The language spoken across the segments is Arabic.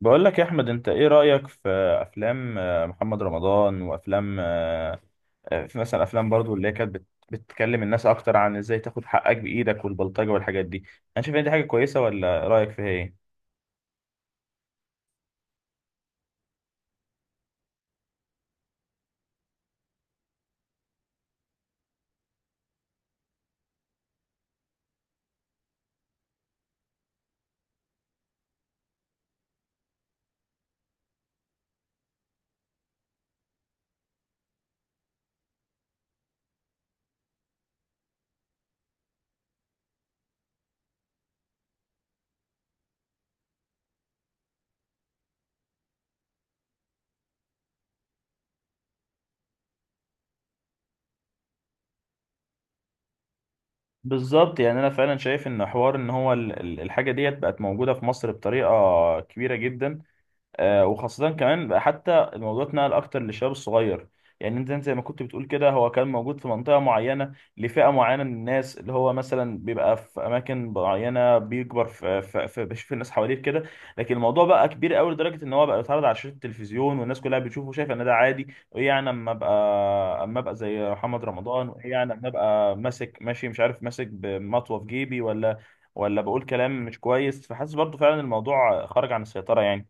بقول لك يا احمد، انت ايه رأيك في افلام محمد رمضان وافلام في مثلا افلام برضو اللي هي كانت بتكلم الناس اكتر عن ازاي تاخد حقك بايدك والبلطجة والحاجات دي؟ انا شايف ان دي حاجة كويسة، ولا رأيك فيها ايه؟ بالظبط، يعني انا فعلا شايف ان حوار ان هو الحاجة ديت بقت موجودة في مصر بطريقة كبيرة جدا. وخاصة كمان بقى، حتى الموضوع اتنقل أكتر للشباب الصغير. يعني أنت زي ما كنت بتقول كده، هو كان موجود في منطقة معينة لفئة معينة من الناس، اللي هو مثلا بيبقى في أماكن معينة، بيكبر في بيشوف الناس حواليه في كده. لكن الموضوع بقى كبير قوي لدرجة إن هو بقى بيتعرض على شاشة التلفزيون، والناس كلها بتشوفه وشايفه إن ده عادي. إيه يعني أما أبقى زي محمد رمضان؟ إيه يعني أما أبقى ماسك، ماشي مش عارف، ماسك بمطوة في جيبي، ولا بقول كلام مش كويس؟ فحاسس برضه فعلا الموضوع خرج عن السيطرة يعني.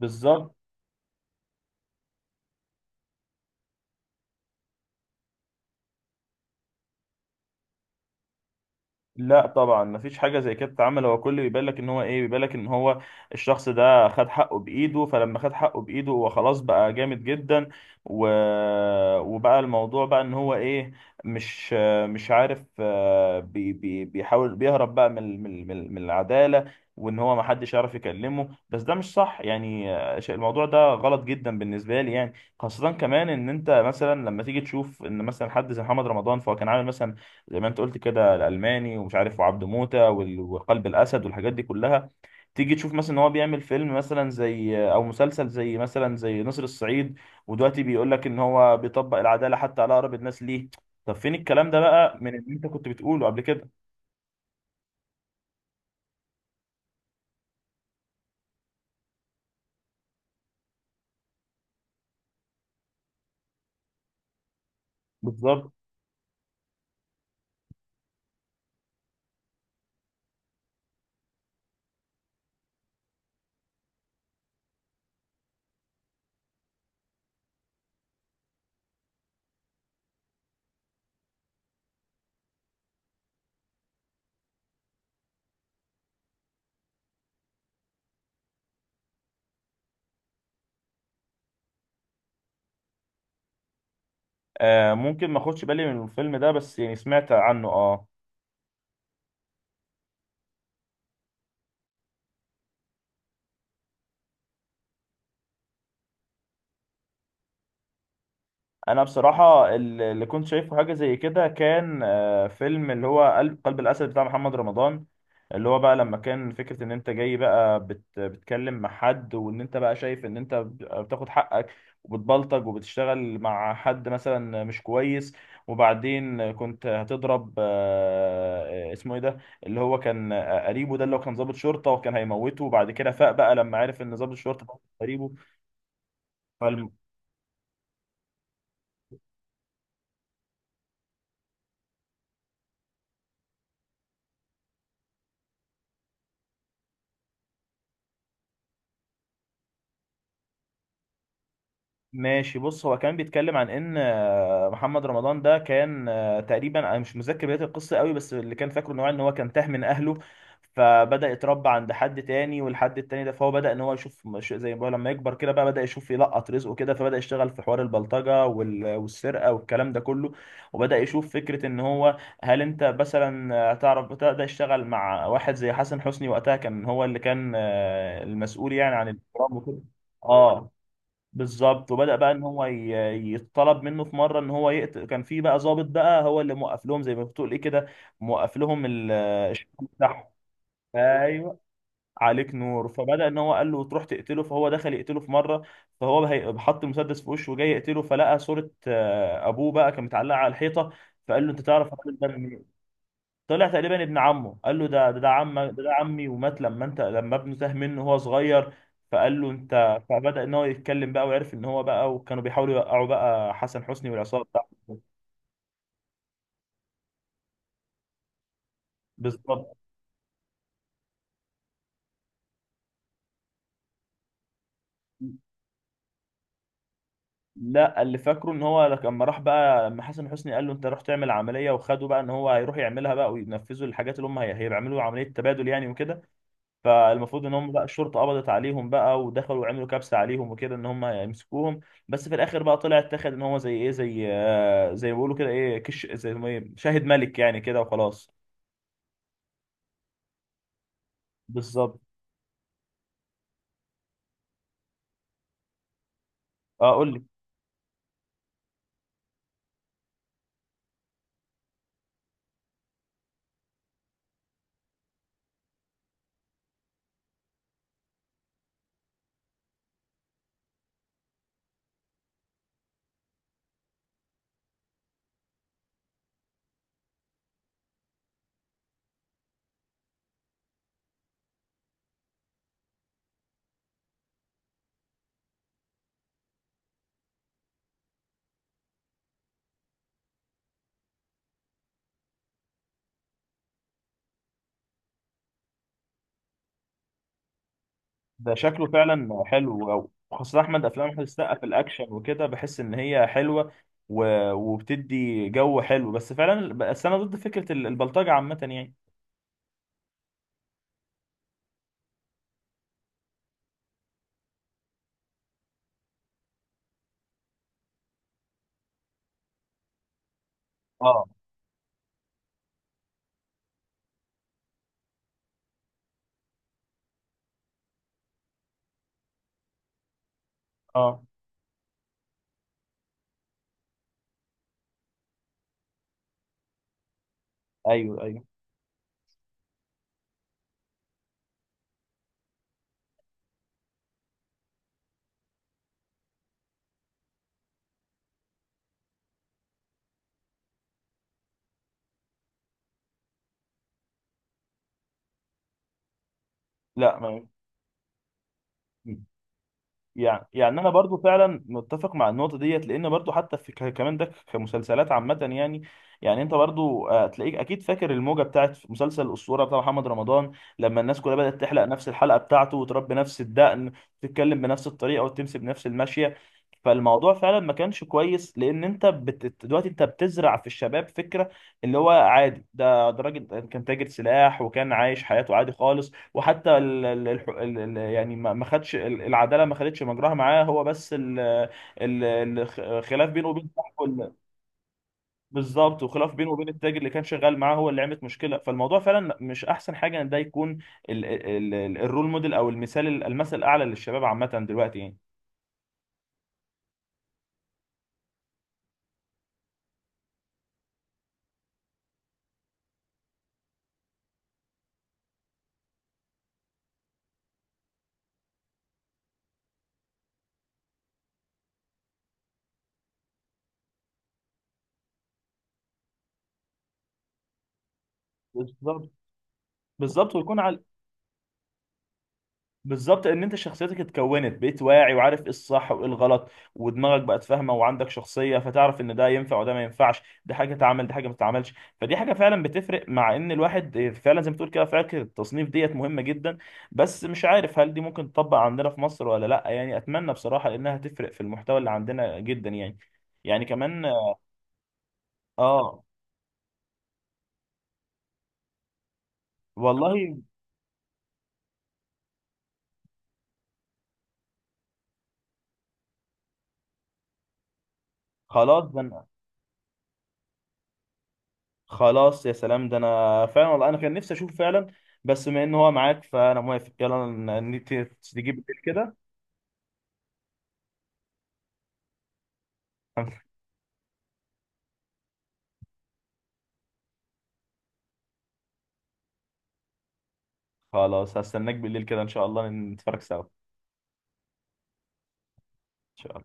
بالظبط. لا طبعا مفيش حاجه زي كده بتتعمل. هو كله بيبان لك ان هو ايه، بيبان لك ان هو الشخص ده خد حقه بايده، فلما خد حقه بايده هو خلاص بقى جامد جدا. و... وبقى الموضوع بقى ان هو ايه، مش مش عارف، بيحاول بيهرب بقى من العداله، وان هو محدش يعرف يكلمه. بس ده مش صح يعني. الموضوع ده غلط جدا بالنسبه لي يعني. خاصه كمان ان انت مثلا لما تيجي تشوف ان مثلا حد زي محمد رمضان، فهو كان عامل مثلا زي ما انت قلت كده الالماني ومش عارف وعبد موتة وقلب الاسد والحاجات دي كلها. تيجي تشوف مثلا ان هو بيعمل فيلم مثلا، زي او مسلسل زي مثلا زي نسر الصعيد، ودلوقتي بيقول لك ان هو بيطبق العداله حتى على اقرب الناس ليه. طب فين الكلام ده بقى من اللي انت كنت بتقوله قبل كده؟ بالظبط. آه ممكن ما اخدش بالي من الفيلم ده، بس يعني سمعت عنه، اه. انا بصراحه، اللي كنت شايفه حاجه زي كده، كان فيلم اللي هو قلب الاسد بتاع محمد رمضان. اللي هو بقى لما كان فكره ان انت جاي بقى بت بتكلم مع حد، وان انت بقى شايف ان انت بتاخد حقك وبتبلطج وبتشتغل مع حد مثلا مش كويس. وبعدين كنت هتضرب اسمه ايه ده، اللي هو كان قريبه، ده اللي هو كان ضابط شرطه وكان هيموته، وبعد كده فاق بقى لما عرف ان ضابط الشرطه ده قريبه. ماشي بص، هو كان بيتكلم عن ان محمد رمضان ده كان، تقريبا انا مش متذكر بدايه القصه قوي، بس اللي كان فاكره ان هو كان تاه من اهله. فبدا يتربى عند حد تاني، والحد التاني ده فهو بدا ان هو يشوف، زي ما بقول، لما يكبر كده بقى بدا يشوف يلقط رزقه كده، فبدا يشتغل في حوار البلطجه والسرقه والكلام ده كله. وبدا يشوف فكره ان هو، هل انت مثلا تعرف، بدا يشتغل مع واحد زي حسن حسني وقتها، كان هو اللي كان المسؤول يعني عن الاجرام وكده. اه، بالظبط. وبدأ بقى ان هو يتطلب منه في مره ان هو يقتل. كان في بقى ضابط بقى هو اللي موقف لهم زي ما بتقول ايه كده، موقف لهم الشغل بتاعهم. ايوه، عليك نور. فبدأ ان هو قال له تروح تقتله، فهو دخل يقتله في مره، فهو حط المسدس في وشه وجاي يقتله، فلقى صوره ابوه بقى كان متعلقه على الحيطه، فقال له: انت تعرف الراجل ده منين؟ طلع تقريبا ابن عمه. قال له: ده عمك، ده عمي، ومات لما انت لما ابنه تاه منه وهو صغير. فقال له: انت، فبدأ ان هو يتكلم بقى وعرف ان هو بقى، وكانوا بيحاولوا يوقعوا بقى حسن حسني والعصابه بتاعته. بالظبط. لا، اللي فاكره ان هو لما راح بقى، لما حسن حسني قال له انت راح تعمل عمليه وخده بقى، ان هو هيروح يعملها بقى وينفذوا الحاجات، اللي هم هيعملوا عمليه تبادل يعني وكده. فالمفروض ان هم بقى الشرطه قبضت عليهم بقى، ودخلوا وعملوا كبسه عليهم وكده ان هم يمسكوهم. بس في الاخر بقى طلع اتاخد ان هو، زي ايه، زي زي ما بيقولوا كده ايه، كش، زي ما إيه، شاهد ملك يعني كده وخلاص. بالظبط. اه، قول لي. ده شكله فعلا حلو أوي، وخاصه احمد، افلام احمد السقا في الاكشن وكده، بحس ان هي حلوه وبتدي جو حلو. بس فعلا، بس انا ضد فكره البلطجه عامه يعني. اه. اه. ايوه، ايوه. لا، ما. يعني انا برضو فعلا متفق مع النقطه ديت، لان برضو حتى في كمان، ده كمسلسلات عامه يعني. يعني انت برضو، هتلاقيك اكيد فاكر الموجه بتاعت مسلسل الاسطوره بتاع محمد رمضان، لما الناس كلها بدات تحلق نفس الحلقه بتاعته وتربي نفس الدقن وتتكلم بنفس الطريقه وتمشي بنفس المشيه. فالموضوع فعلا ما كانش كويس، لان انت دلوقتي انت بتزرع في الشباب فكره اللي هو عادي. ده، ده راجل كان تاجر سلاح وكان عايش حياته عادي خالص، وحتى ال ال ال ال ال يعني ما خدش العداله ما خدتش مجراها معاه. هو بس خلاف بينه وبين صاحبه بالظبط، وخلاف بينه وبين التاجر اللي كان شغال معاه، هو اللي عملت مشكله. فالموضوع فعلا مش احسن حاجه ان ده يكون ال ال ال الرول موديل، او المثل الاعلى للشباب عامه دلوقتي يعني. بالظبط. بالظبط، ويكون على. بالظبط، ان انت شخصيتك اتكونت، بقيت واعي وعارف ايه الصح وايه الغلط، ودماغك بقت فاهمه وعندك شخصيه، فتعرف ان ده ينفع وده ما ينفعش، دي حاجه تعمل دي حاجه ما تتعملش. فدي حاجه فعلا بتفرق. مع ان الواحد فعلا زي ما تقول كده، فكره التصنيف ديت مهمه جدا. بس مش عارف هل دي ممكن تطبق عندنا في مصر ولا لا يعني. اتمنى بصراحه، لانها تفرق في المحتوى اللي عندنا جدا يعني، يعني كمان. اه. والله. خلاص ده. خلاص يا سلام، ده انا فعلا والله انا كان نفسي اشوف فعلا. بس بما ان هو معاك فانا موافق. يلا تيجي بالليل كده. خلاص، هستناك بالليل كده ان شاء الله، نتفرج سوا، إن شاء الله.